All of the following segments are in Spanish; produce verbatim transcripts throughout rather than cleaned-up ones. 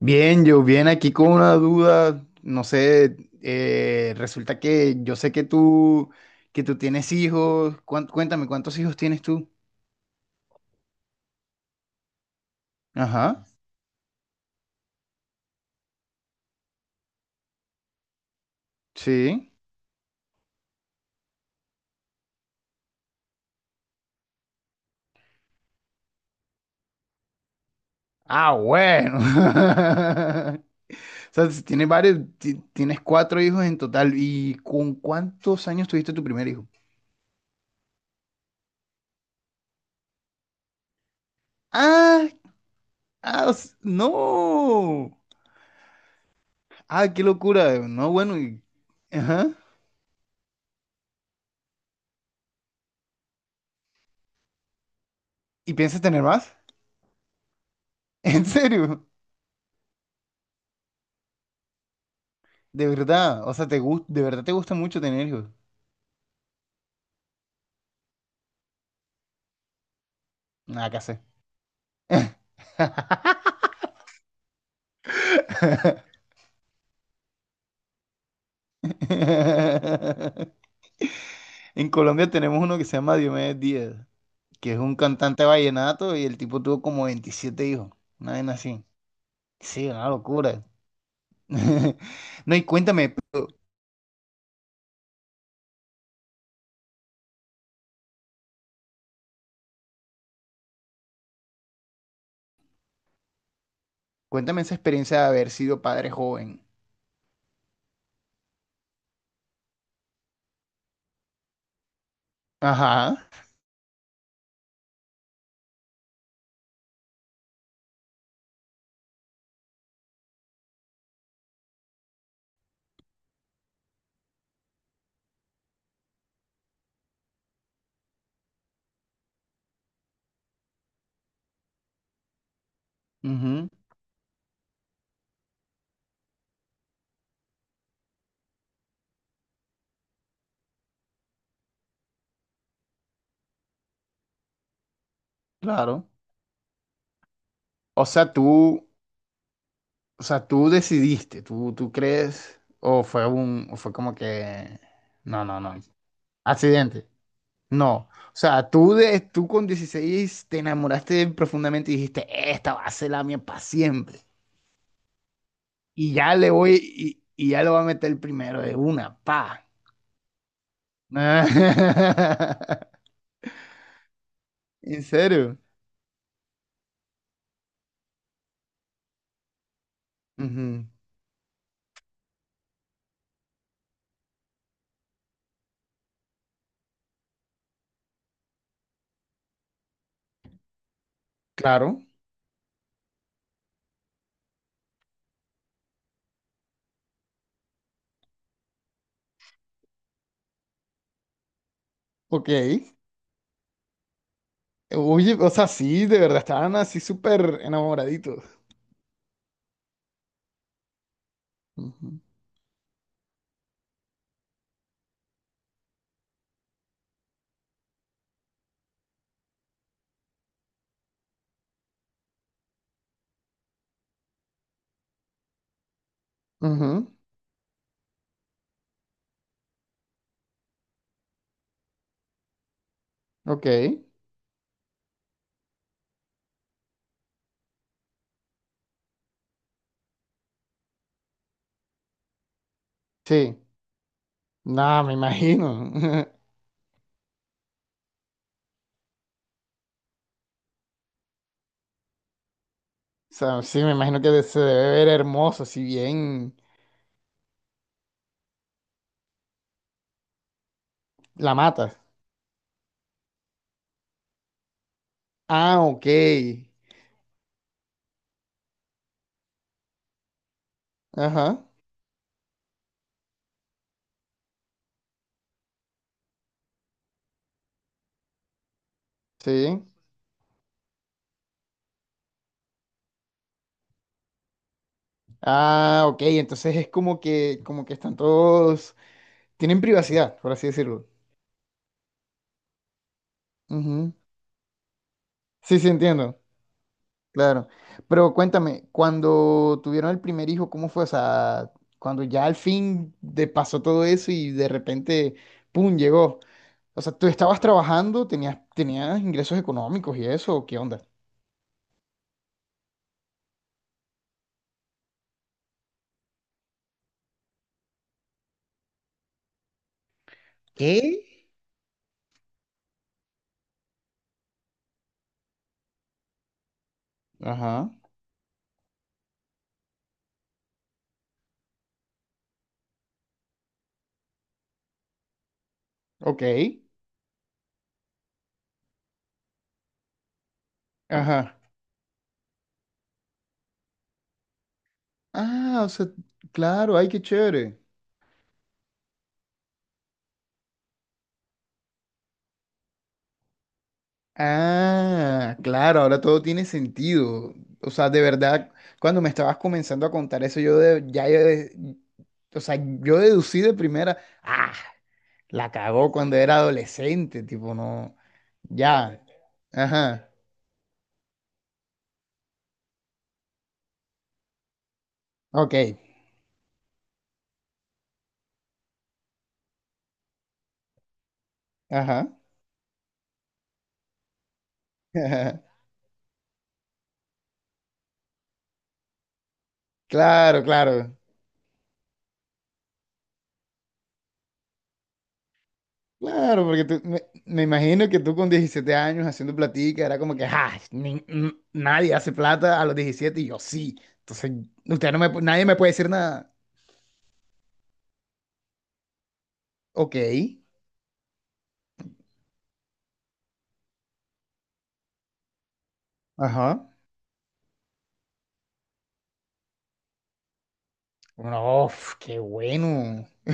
Bien, yo bien aquí con una duda, no sé, eh, resulta que yo sé que tú, que tú tienes hijos, cuán- cuéntame, ¿cuántos hijos tienes tú? Ajá, sí. Ah, bueno. O sea, si tienes varios, ti- tienes cuatro hijos en total, ¿y con cuántos años tuviste tu primer hijo? Ah, ah, s- no. Ah, qué locura. No, bueno, y, ajá. ¿Y piensas tener más? ¿En serio? De verdad, o sea, te gusta, de verdad te gusta mucho tener hijos. Nada que hacer. En Colombia tenemos uno que se llama Diomedes Díaz, que es un cantante vallenato y el tipo tuvo como veintisiete hijos. Una vez así. Sí, una locura. No, y cuéntame, cuéntame esa experiencia de haber sido padre joven. Ajá. Ujú, claro. O sea, tú, o sea, tú decidiste, tú, tú crees, o fue un, o fue como que, no, no, no, accidente. No, o sea, tú, de, tú con dieciséis te enamoraste profundamente y dijiste, esta va a ser la mía para siempre. Y ya le voy, y, y ya lo va a meter el primero de una, pa. ¿En serio? Ujú. Claro, ok. Oye, o sea, sí, de verdad, estaban así súper enamoraditos. Ujú. Ujú, ok, sí. Nada, me imagino. O sea, sí, me imagino que se debe ver hermoso, si bien la matas. Ah, ok. Ajá, sí. Ah, ok. Entonces es como que, como que están todos, tienen privacidad, por así decirlo. Ujú. Sí, sí, entiendo. Claro. Pero cuéntame, cuando tuvieron el primer hijo, ¿cómo fue? O sea, cuando ya al fin te pasó todo eso y de repente, ¡pum! Llegó. O sea, tú estabas trabajando, tenías, tenías ingresos económicos y eso, ¿o ¿qué onda? ¿Qué? Ajá, ok. Ajá. Ah, o sea, claro, ay, qué chévere. Ah, claro, ahora todo tiene sentido. O sea, de verdad, cuando me estabas comenzando a contar eso, yo de- ya, yo de- o sea, yo deducí de primera, ah, la cagó cuando era adolescente, tipo, no, ya, ajá, ok, ajá, claro, claro, claro, porque tú, me, me imagino que tú con diecisiete años haciendo platica, era como que, ah, ni- n- nadie hace plata a los diecisiete y yo sí, entonces, usted no me, pu- nadie me puede decir nada, ok. Ajá. Uno, ¡uf! ¡Qué bueno!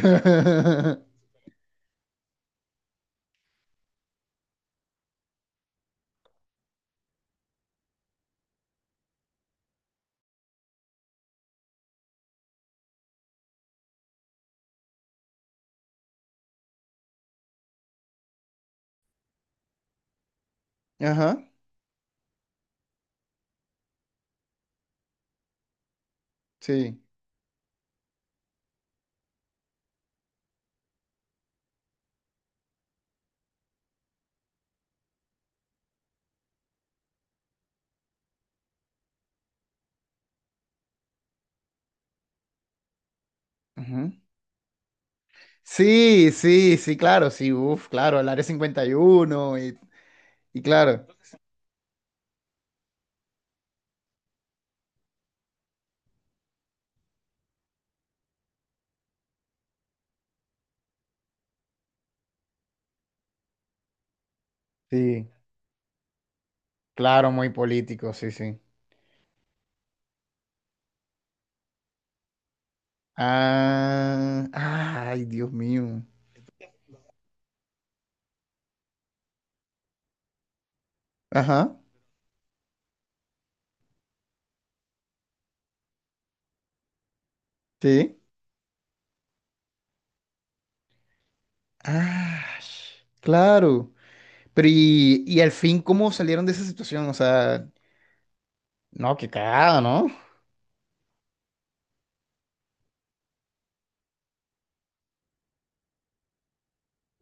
Ajá. Sí. Ujú. Sí, sí, sí, claro, sí, uf, claro, el Área cincuenta y uno y, uno y y claro, sí, claro, muy político, sí, sí. Ah, ay, Dios mío. Ajá, sí. Ah, claro. Pero y, y al fin, ¿cómo salieron de esa situación? O sea, no, qué cagada, ¿no?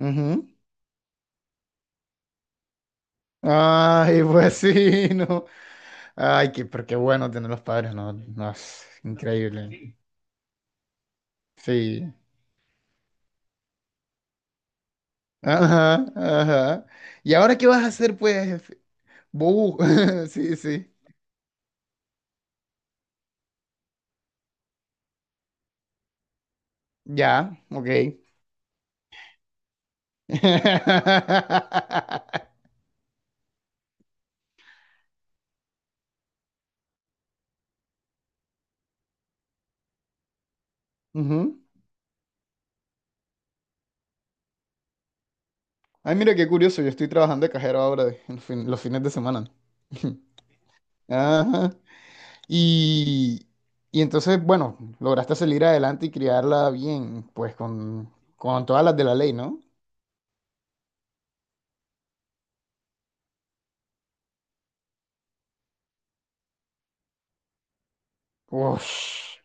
Ujú. Ay, pues sí, no. Ay, qué, pero qué bueno tener los padres, ¿no? No, es increíble. Sí. Ajá, ajá. ¿Y ahora qué vas a hacer, pues? Bobu. Sí, sí. Ya, ok. Ujú. Ay, mira qué curioso, yo estoy trabajando de cajero ahora de- en fin- los fines de semana. Ajá. Y, y entonces, bueno, lograste salir adelante y criarla bien, pues con, con todas las de la ley, ¿no? Ush.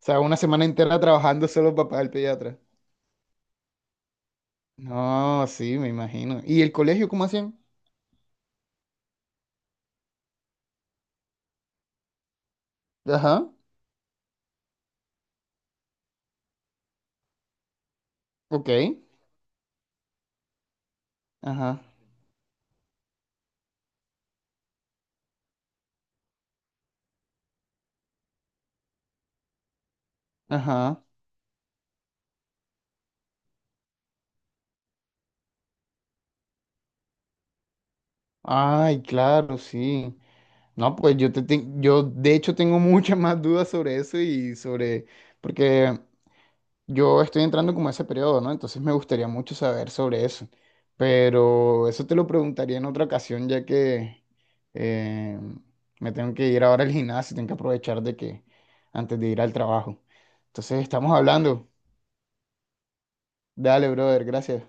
O sea, una semana entera trabajando solo para pagar el pediatra. No, sí, me imagino. ¿Y el colegio cómo hacían? Ajá, ok. Ajá, ajá. Ay, claro, sí. No, pues yo te, te- yo de hecho tengo muchas más dudas sobre eso y sobre, porque yo estoy entrando como a ese periodo, ¿no? Entonces me gustaría mucho saber sobre eso. Pero eso te lo preguntaría en otra ocasión, ya que eh, me tengo que ir ahora al gimnasio, tengo que aprovechar de que antes de ir al trabajo. Entonces estamos hablando. Dale, brother, gracias.